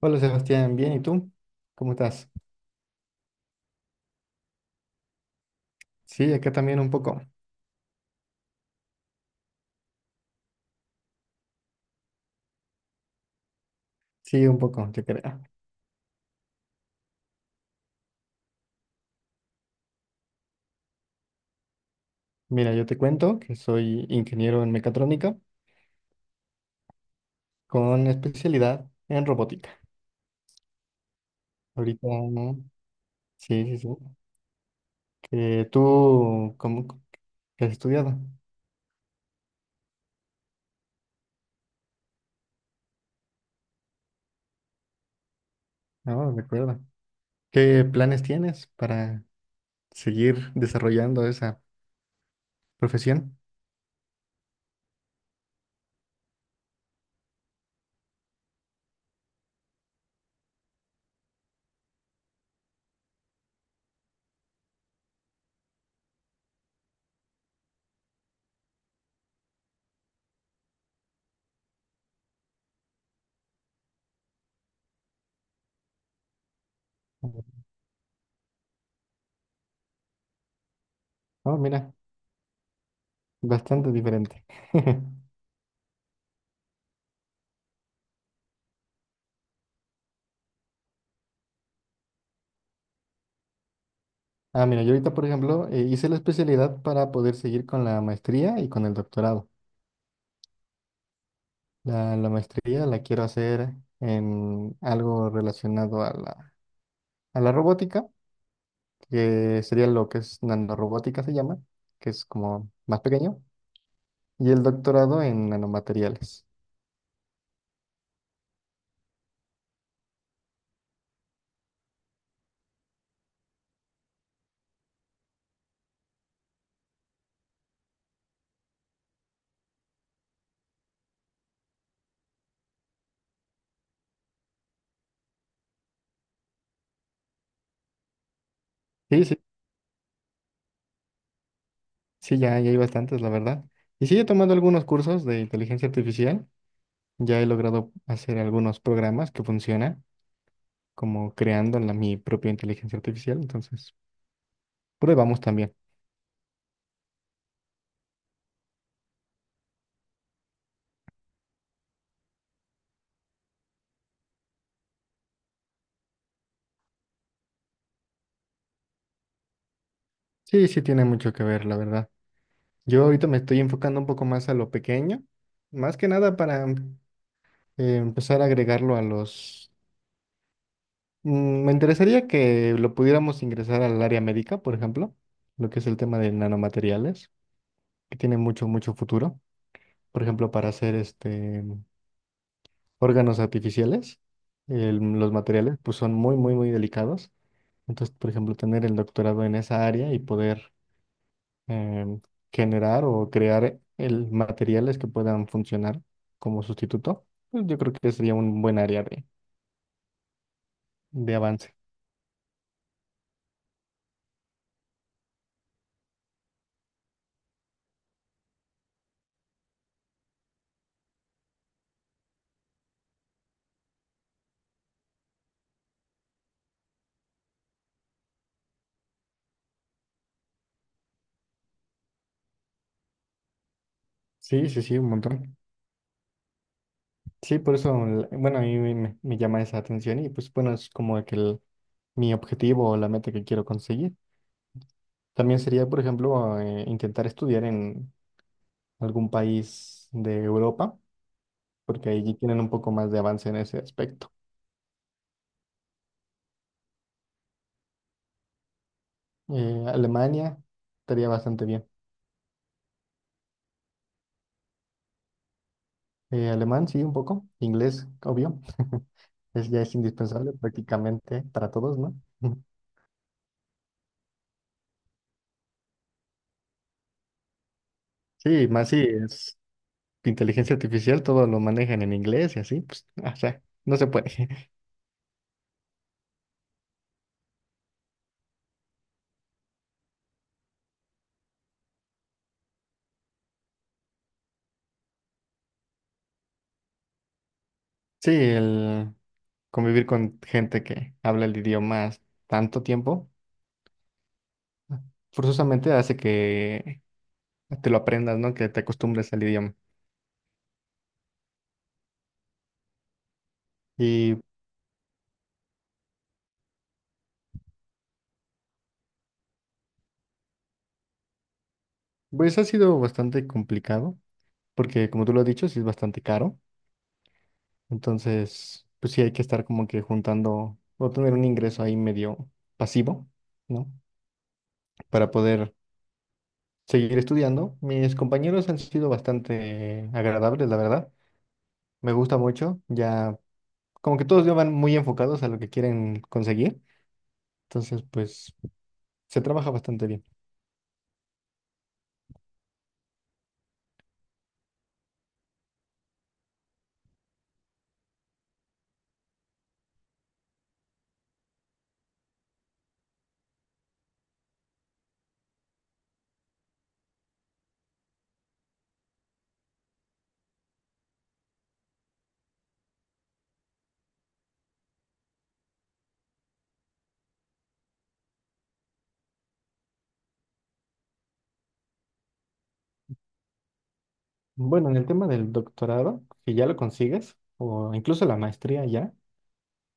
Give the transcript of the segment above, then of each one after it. Hola Sebastián, bien, ¿y tú? ¿Cómo estás? Sí, acá también un poco. Sí, un poco, yo creo. Mira, yo te cuento que soy ingeniero en mecatrónica con especialidad en robótica. Ahorita, ¿no? Sí, sí, sí. Que tú, ¿cómo que has estudiado? No, recuerda. ¿Qué planes tienes para seguir desarrollando esa profesión? Oh, mira, bastante diferente. Ah, mira, yo ahorita, por ejemplo, hice la especialidad para poder seguir con la maestría y con el doctorado. La maestría la quiero hacer en algo relacionado a la robótica, que sería lo que es nanorobótica se llama, que es como más pequeño, y el doctorado en nanomateriales. Sí, sí, sí, ya, ya hay bastantes, la verdad. Y sigue tomando algunos cursos de inteligencia artificial. Ya he logrado hacer algunos programas que funcionan, como creando mi propia inteligencia artificial, entonces... Probamos también. Sí, sí tiene mucho que ver, la verdad. Yo ahorita me estoy enfocando un poco más a lo pequeño, más que nada para empezar a agregarlo a los... Me interesaría que lo pudiéramos ingresar al área médica, por ejemplo, lo que es el tema de nanomateriales, que tiene mucho, mucho futuro. Por ejemplo, para hacer este órganos artificiales, los materiales pues son muy, muy, muy delicados. Entonces, por ejemplo, tener el doctorado en esa área y poder em, generar o crear el materiales que puedan funcionar como sustituto, pues yo creo que sería un buen área de avance. Sí, sí, sí, un montón. Sí, por eso, bueno, a mí me llama esa atención y pues bueno, es como que mi objetivo o la meta que quiero conseguir. También sería, por ejemplo, intentar estudiar en algún país de Europa, porque ahí tienen un poco más de avance en ese aspecto. Alemania estaría bastante bien. Alemán, sí, un poco. Inglés, obvio. Es, ya es indispensable prácticamente para todos, ¿no? Sí, más si es inteligencia artificial, todo lo manejan en inglés y así, pues, o sea, no se puede. Sí, el convivir con gente que habla el idioma tanto tiempo, forzosamente hace que te lo aprendas, ¿no? Que te acostumbres al idioma. Y pues ha sido bastante complicado, porque como tú lo has dicho, sí es bastante caro. Entonces, pues sí hay que estar como que juntando o tener un ingreso ahí medio pasivo, ¿no? Para poder seguir estudiando. Mis compañeros han sido bastante agradables, la verdad. Me gusta mucho. Ya, como que todos ya van muy enfocados a lo que quieren conseguir. Entonces, pues se trabaja bastante bien. Bueno, en el tema del doctorado, si ya lo consigues, o incluso la maestría ya,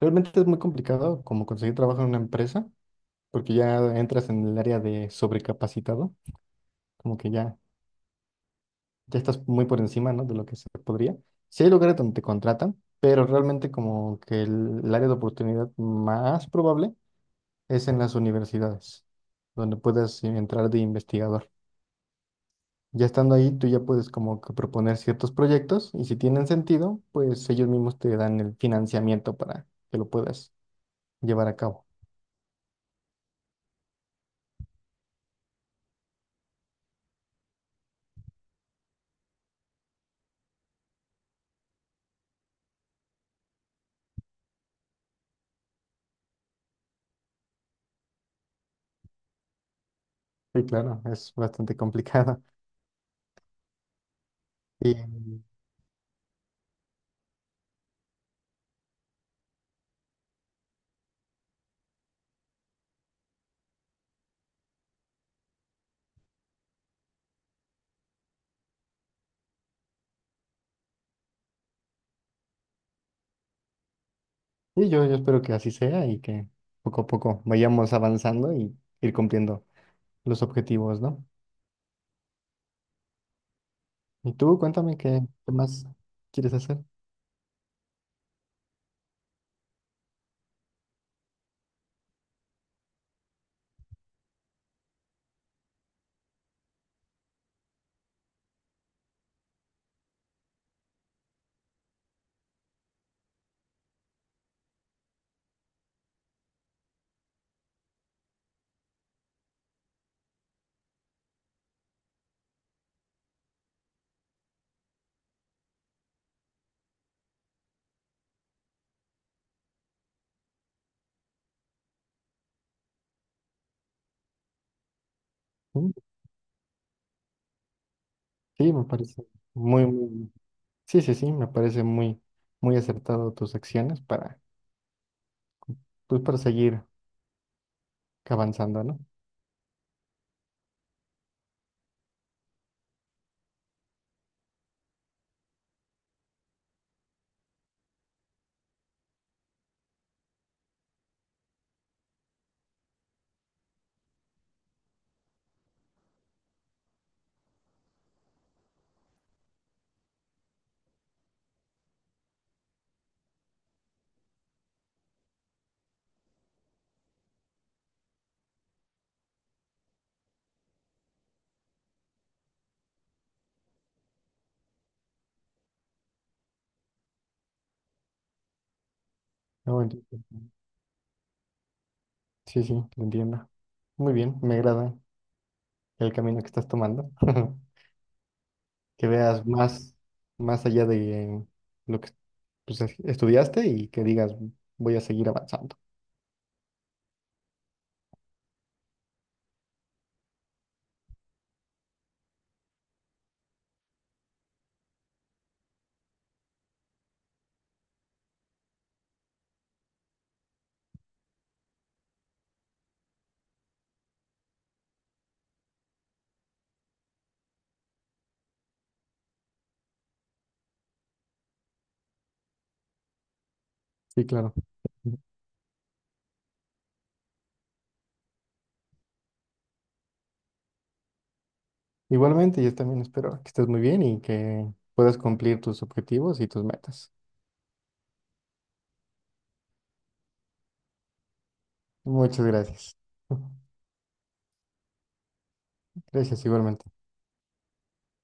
realmente es muy complicado como conseguir trabajo en una empresa, porque ya entras en el área de sobrecapacitado. Como que ya, ya estás muy por encima, ¿no? De lo que se podría. Sí hay lugares donde te contratan, pero realmente como que el área de oportunidad más probable es en las universidades, donde puedas entrar de investigador. Ya estando ahí, tú ya puedes como que proponer ciertos proyectos y si tienen sentido, pues ellos mismos te dan el financiamiento para que lo puedas llevar a cabo. Sí, claro, es bastante complicado. Y, y yo espero que así sea y que poco a poco vayamos avanzando y ir cumpliendo los objetivos, ¿no? Y tú, cuéntame qué, qué más quieres hacer. Mm, Sí, me parece muy, muy, sí, sí, sí, me parece muy, muy acertado tus acciones para, pues, para seguir avanzando, ¿no? No, enti- Sí, sí, lo entiendo. Muy bien, me agrada el camino que estás tomando, que veas más, más allá de lo que, pues, estudiaste y que digas, voy a seguir avanzando. Sí, claro. Igualmente, yo también espero que estés muy bien y que puedas cumplir tus objetivos y tus metas. Muchas gracias. Gracias igualmente.